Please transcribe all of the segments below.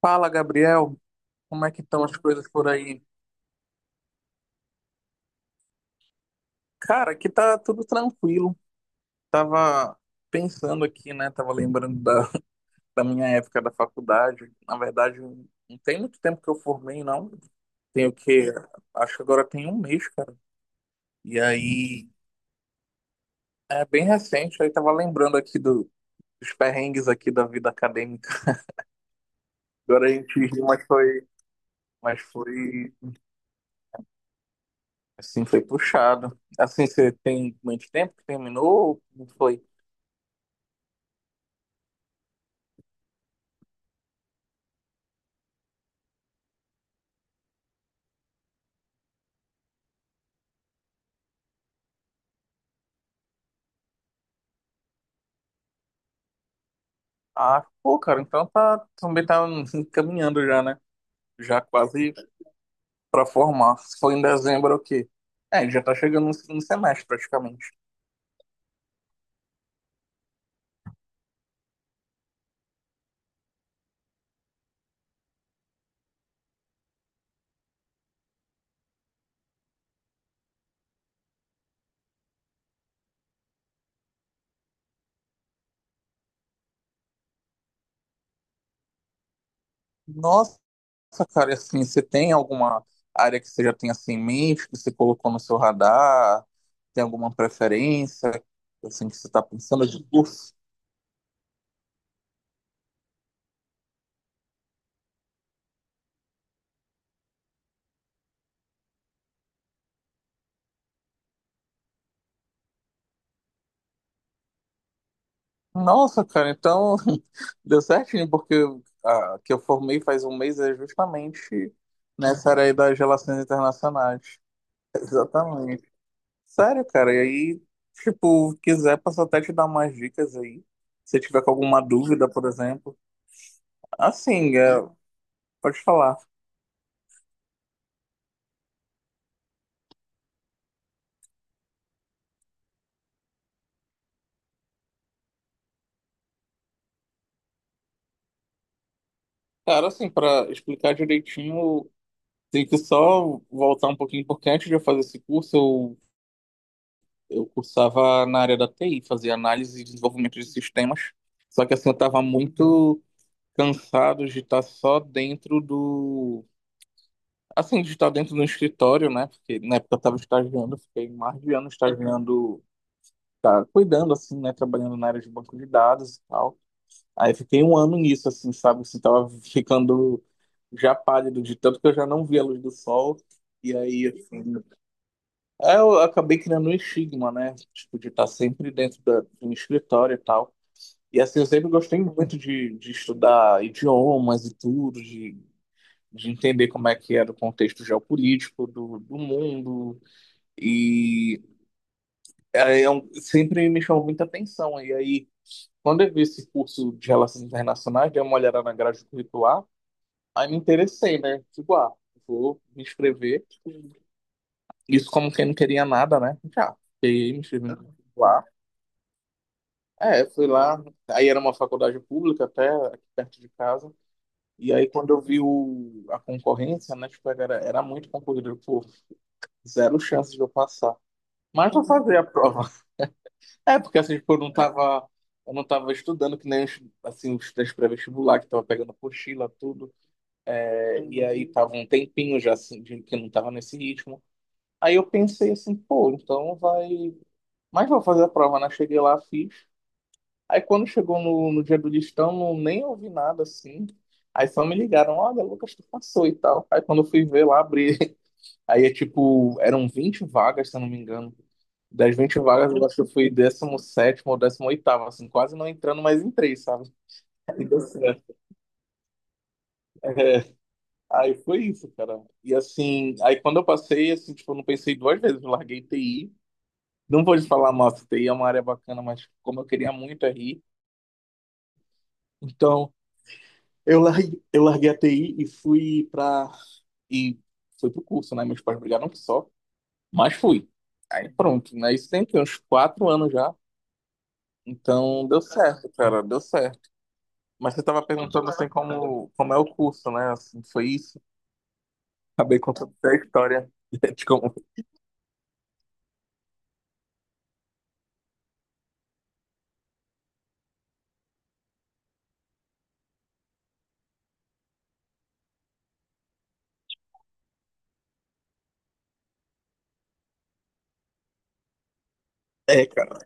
Fala, Gabriel. Como é que estão as coisas por aí? Cara, aqui tá tudo tranquilo. Tava pensando aqui, né? Tava lembrando da minha época da faculdade. Na verdade, não tem muito tempo que eu formei, não. Tem o quê? Acho que agora tem um mês, cara. E aí, é bem recente. Aí tava lembrando aqui dos perrengues aqui da vida acadêmica. Agora a gente riu, mas foi, assim, foi puxado. Assim, você tem muito tempo que terminou? Não foi? Ah, pô, cara, então tá, também tá caminhando já, né? Já quase pra formar. Se for em dezembro, é o quê? É, já tá chegando no segundo semestre, praticamente. Nossa, cara, e assim, você tem alguma área que você já tem assim em mente, que você colocou no seu radar? Tem alguma preferência, assim, que você tá pensando de curso? Nossa, cara, então deu certinho, porque a que eu formei faz um mês é justamente nessa área aí das relações internacionais. Exatamente. Sério, cara, e aí, tipo, quiser, posso até te dar umas dicas aí. Se tiver com alguma dúvida, por exemplo. Assim, é, pode falar. Cara, assim, pra explicar direitinho, tem que só voltar um pouquinho, porque antes de eu fazer esse curso, eu cursava na área da TI, fazia análise e desenvolvimento de sistemas. Só que, assim, eu tava muito cansado de estar só dentro do. Assim, de estar dentro do escritório, né? Porque na época eu tava estagiando, eu fiquei mais de ano estagiando, tá cuidando, assim, né? Trabalhando na área de banco de dados e tal. Aí fiquei um ano nisso, assim, sabe? Assim, tava ficando já pálido de tanto que eu já não via a luz do sol. E aí, assim, aí eu acabei criando um estigma, né? Tipo, de estar sempre dentro do escritório e tal. E assim, eu sempre gostei muito de estudar idiomas e tudo, de entender como é que era o contexto geopolítico do mundo. E sempre me chamou muita atenção. E aí, quando eu vi esse curso de Relações Internacionais, dei uma olhada na grade curricular, aí me interessei, né? Tipo, ah, vou me inscrever. Isso como quem não queria nada, né? Já, peguei, me inscrevi no curricular. É, fui lá, aí era uma faculdade pública até, aqui perto de casa. E aí quando eu vi a concorrência, né? Tipo, era muito concorrido, pô, zero chance de eu passar. Mas vou fazer a prova. É, porque assim, tipo, eu não tava estudando que nem, assim, os testes pré-vestibular, que tava pegando apostila, tudo. E aí tava um tempinho já assim, que não tava nesse ritmo. Aí eu pensei assim, pô, então vai. Mas vou fazer a prova, né? Cheguei lá, fiz. Aí quando chegou no dia do listão, não, nem ouvi nada assim. Aí só me ligaram, olha, Lucas, tu passou e tal. Aí quando eu fui ver lá, abri. Aí é tipo, eram 20 vagas, se eu não me engano. Das 20 vagas, eu acho que eu fui 17º ou 18º assim, quase não entrando, mas entrei, sabe? Aí deu certo. É. Aí foi isso, cara. E assim, aí quando eu passei, assim, tipo, eu não pensei duas vezes, eu larguei TI. Não vou te falar, nossa, TI é uma área bacana, mas como eu queria muito RI, então eu larguei a TI e fui pra. E fui pro curso, né? Meus pais brigaram que só, mas fui. Aí pronto, né? Isso tem que uns 4 anos já. Então deu certo, cara, deu certo. Mas você tava perguntando assim como é o curso, né? Assim, foi isso. Acabei contando até a história de como. É, cara.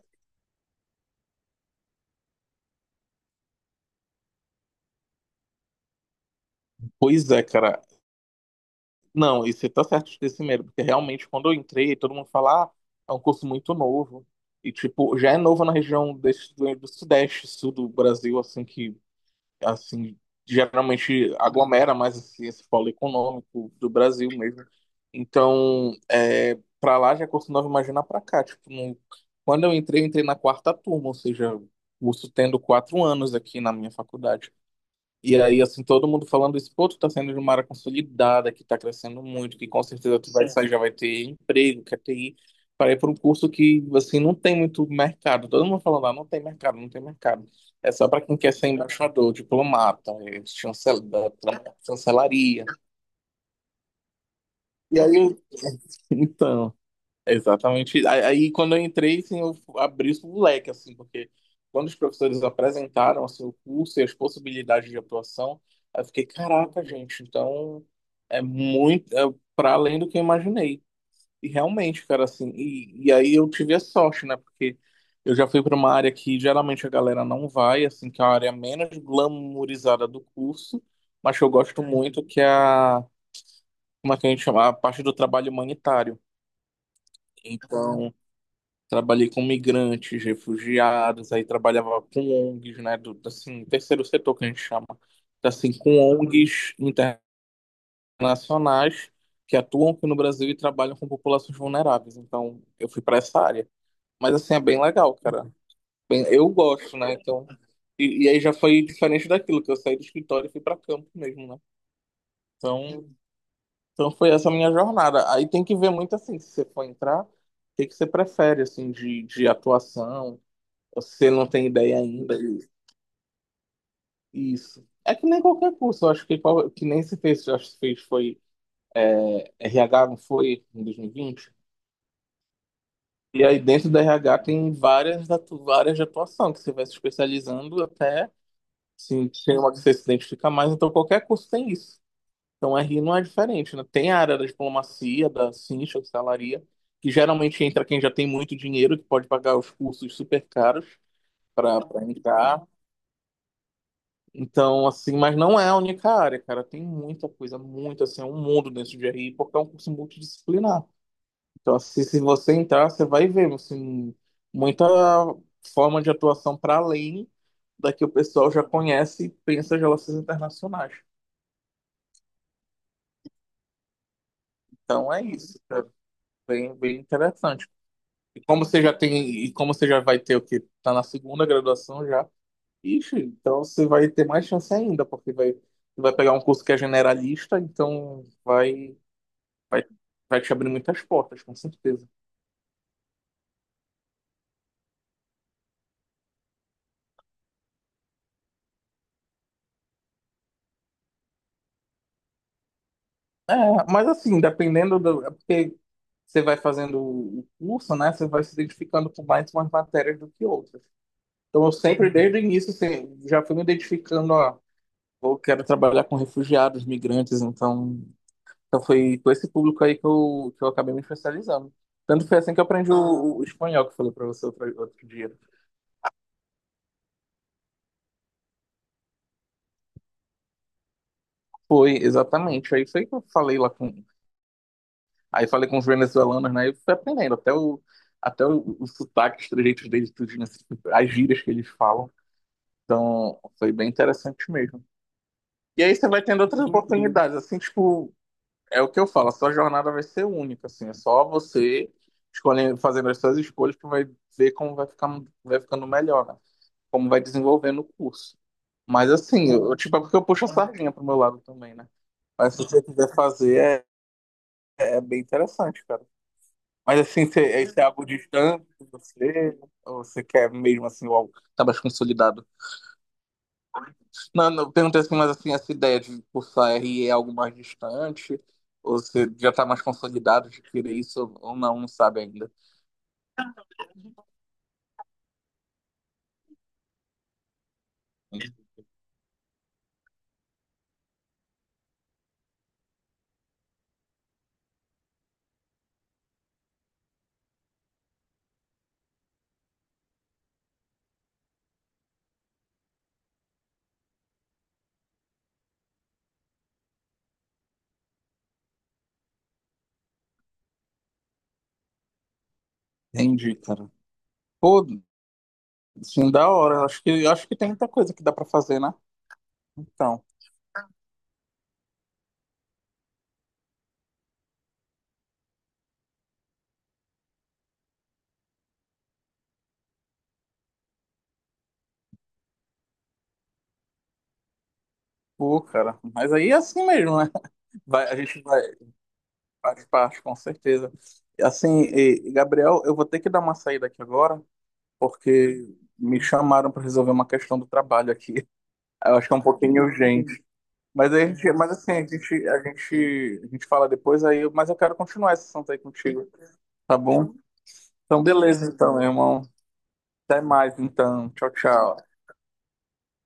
Pois é, cara. Não, e você tá certo de ter esse medo, porque realmente quando eu entrei, todo mundo fala, ah, é um curso muito novo. E, tipo, já é novo na região desse, do Sudeste, Sul do Brasil, assim, que, assim, geralmente aglomera mais assim, esse polo econômico do Brasil mesmo. Então, é, pra lá já é curso novo, imagina pra cá. Tipo, quando eu entrei na quarta turma, ou seja, o curso tendo 4 anos aqui na minha faculdade. E aí, assim, todo mundo falando isso, pô, tu tá saindo de uma área consolidada, que tá crescendo muito, que com certeza tu vai sair, já vai ter emprego, quer ter ir para ir para um curso que, assim, não tem muito mercado. Todo mundo falando, ah, não tem mercado, não tem mercado. É só para quem quer ser embaixador, diplomata, da chancelaria. E aí, então, exatamente. Aí, quando eu entrei, assim, eu abri o leque, assim, porque quando os professores apresentaram, assim, o curso e as possibilidades de atuação, aí eu fiquei, caraca, gente, então é muito, é para além do que eu imaginei. E realmente, cara, assim, e aí eu tive a sorte, né, porque eu já fui para uma área que geralmente a galera não vai, assim, que é a área menos glamourizada do curso, mas que eu gosto muito, que é a, como é que a gente chama? A parte do trabalho humanitário. Então, trabalhei com migrantes, refugiados, aí trabalhava com ONGs, né, do, assim, terceiro setor que a gente chama. Então, assim, com ONGs internacionais que atuam aqui no Brasil e trabalham com populações vulneráveis. Então, eu fui para essa área. Mas assim é bem legal, cara. Bem, eu gosto, né? Então, e aí já foi diferente daquilo que eu saí do escritório e fui para campo mesmo, né? Então, então, foi essa a minha jornada. Aí tem que ver muito assim, se você for entrar, o que que você prefere assim de atuação. Você não tem ideia ainda. Isso. É que nem qualquer curso, eu acho que, que nem se fez, eu acho que fez foi RH, não foi, em 2020? E vinte. E aí dentro da RH tem várias de atuação, que você vai se especializando até, assim, tem uma que você se identifica mais, então qualquer curso tem isso. Então RI não é diferente, né? Tem a área da diplomacia, da cincha, da que geralmente entra quem já tem muito dinheiro, que pode pagar os cursos super caros para entrar. Então, assim, mas não é a única área, cara. Tem muita coisa, muito, assim, é um mundo dentro de RI, porque é um curso multidisciplinar. Então, assim, se você entrar, você vai ver, assim, muita forma de atuação para além da que o pessoal já conhece e pensa as relações internacionais. Então, é isso, cara. Bem, bem interessante. E como você já vai ter o quê? Tá na segunda graduação já. Ixi, então você vai ter mais chance ainda, porque vai pegar um curso que é generalista, então Vai, vai te abrir muitas portas, com certeza. É, mas assim, dependendo do. É porque você vai fazendo o curso, né? Você vai se identificando com mais umas matérias do que outras. Então, eu sempre, desde o início, assim, já fui me identificando, ó, eu quero trabalhar com refugiados, migrantes, então, foi com esse público aí que eu acabei me especializando. Tanto foi assim que eu aprendi o espanhol, que eu falei para você outro dia. Foi, exatamente. Aí foi que eu falei lá com, Aí falei com os venezuelanos, né? E fui aprendendo até o sotaque, os trejeitos deles, tudo, né? As gírias que eles falam. Então, foi bem interessante mesmo. E aí você vai tendo outras oportunidades, assim, tipo, é o que eu falo, a sua jornada vai ser única, assim, é só você escolhendo, fazendo as suas escolhas que vai ver como vai ficar, vai ficando melhor, né? Como vai desenvolvendo o curso. Mas assim, eu, tipo, é porque eu puxo a sardinha pro meu lado também, né? Mas se você quiser fazer, é bem interessante, cara. Mas assim, esse é algo distante de você? Ou você quer mesmo assim algo que tá mais consolidado? Não, não, eu perguntei assim, mas assim, essa ideia de cursar RI é algo mais distante? Ou você já tá mais consolidado de querer isso ou não, não sabe ainda? Entendi, cara. Pô, assim, da hora. Acho que tem muita coisa que dá pra fazer, né? Então, pô, cara. Mas aí é assim mesmo, né? Vai, a gente vai, faz parte, com certeza. Assim, assim, e, Gabriel, eu vou ter que dar uma saída aqui agora, porque me chamaram para resolver uma questão do trabalho aqui. Eu acho que é um pouquinho urgente. Mas assim, a gente fala depois aí, mas eu quero continuar essa sessão aí contigo, tá bom? Então, beleza, então, meu irmão. Até mais, então. Tchau, tchau.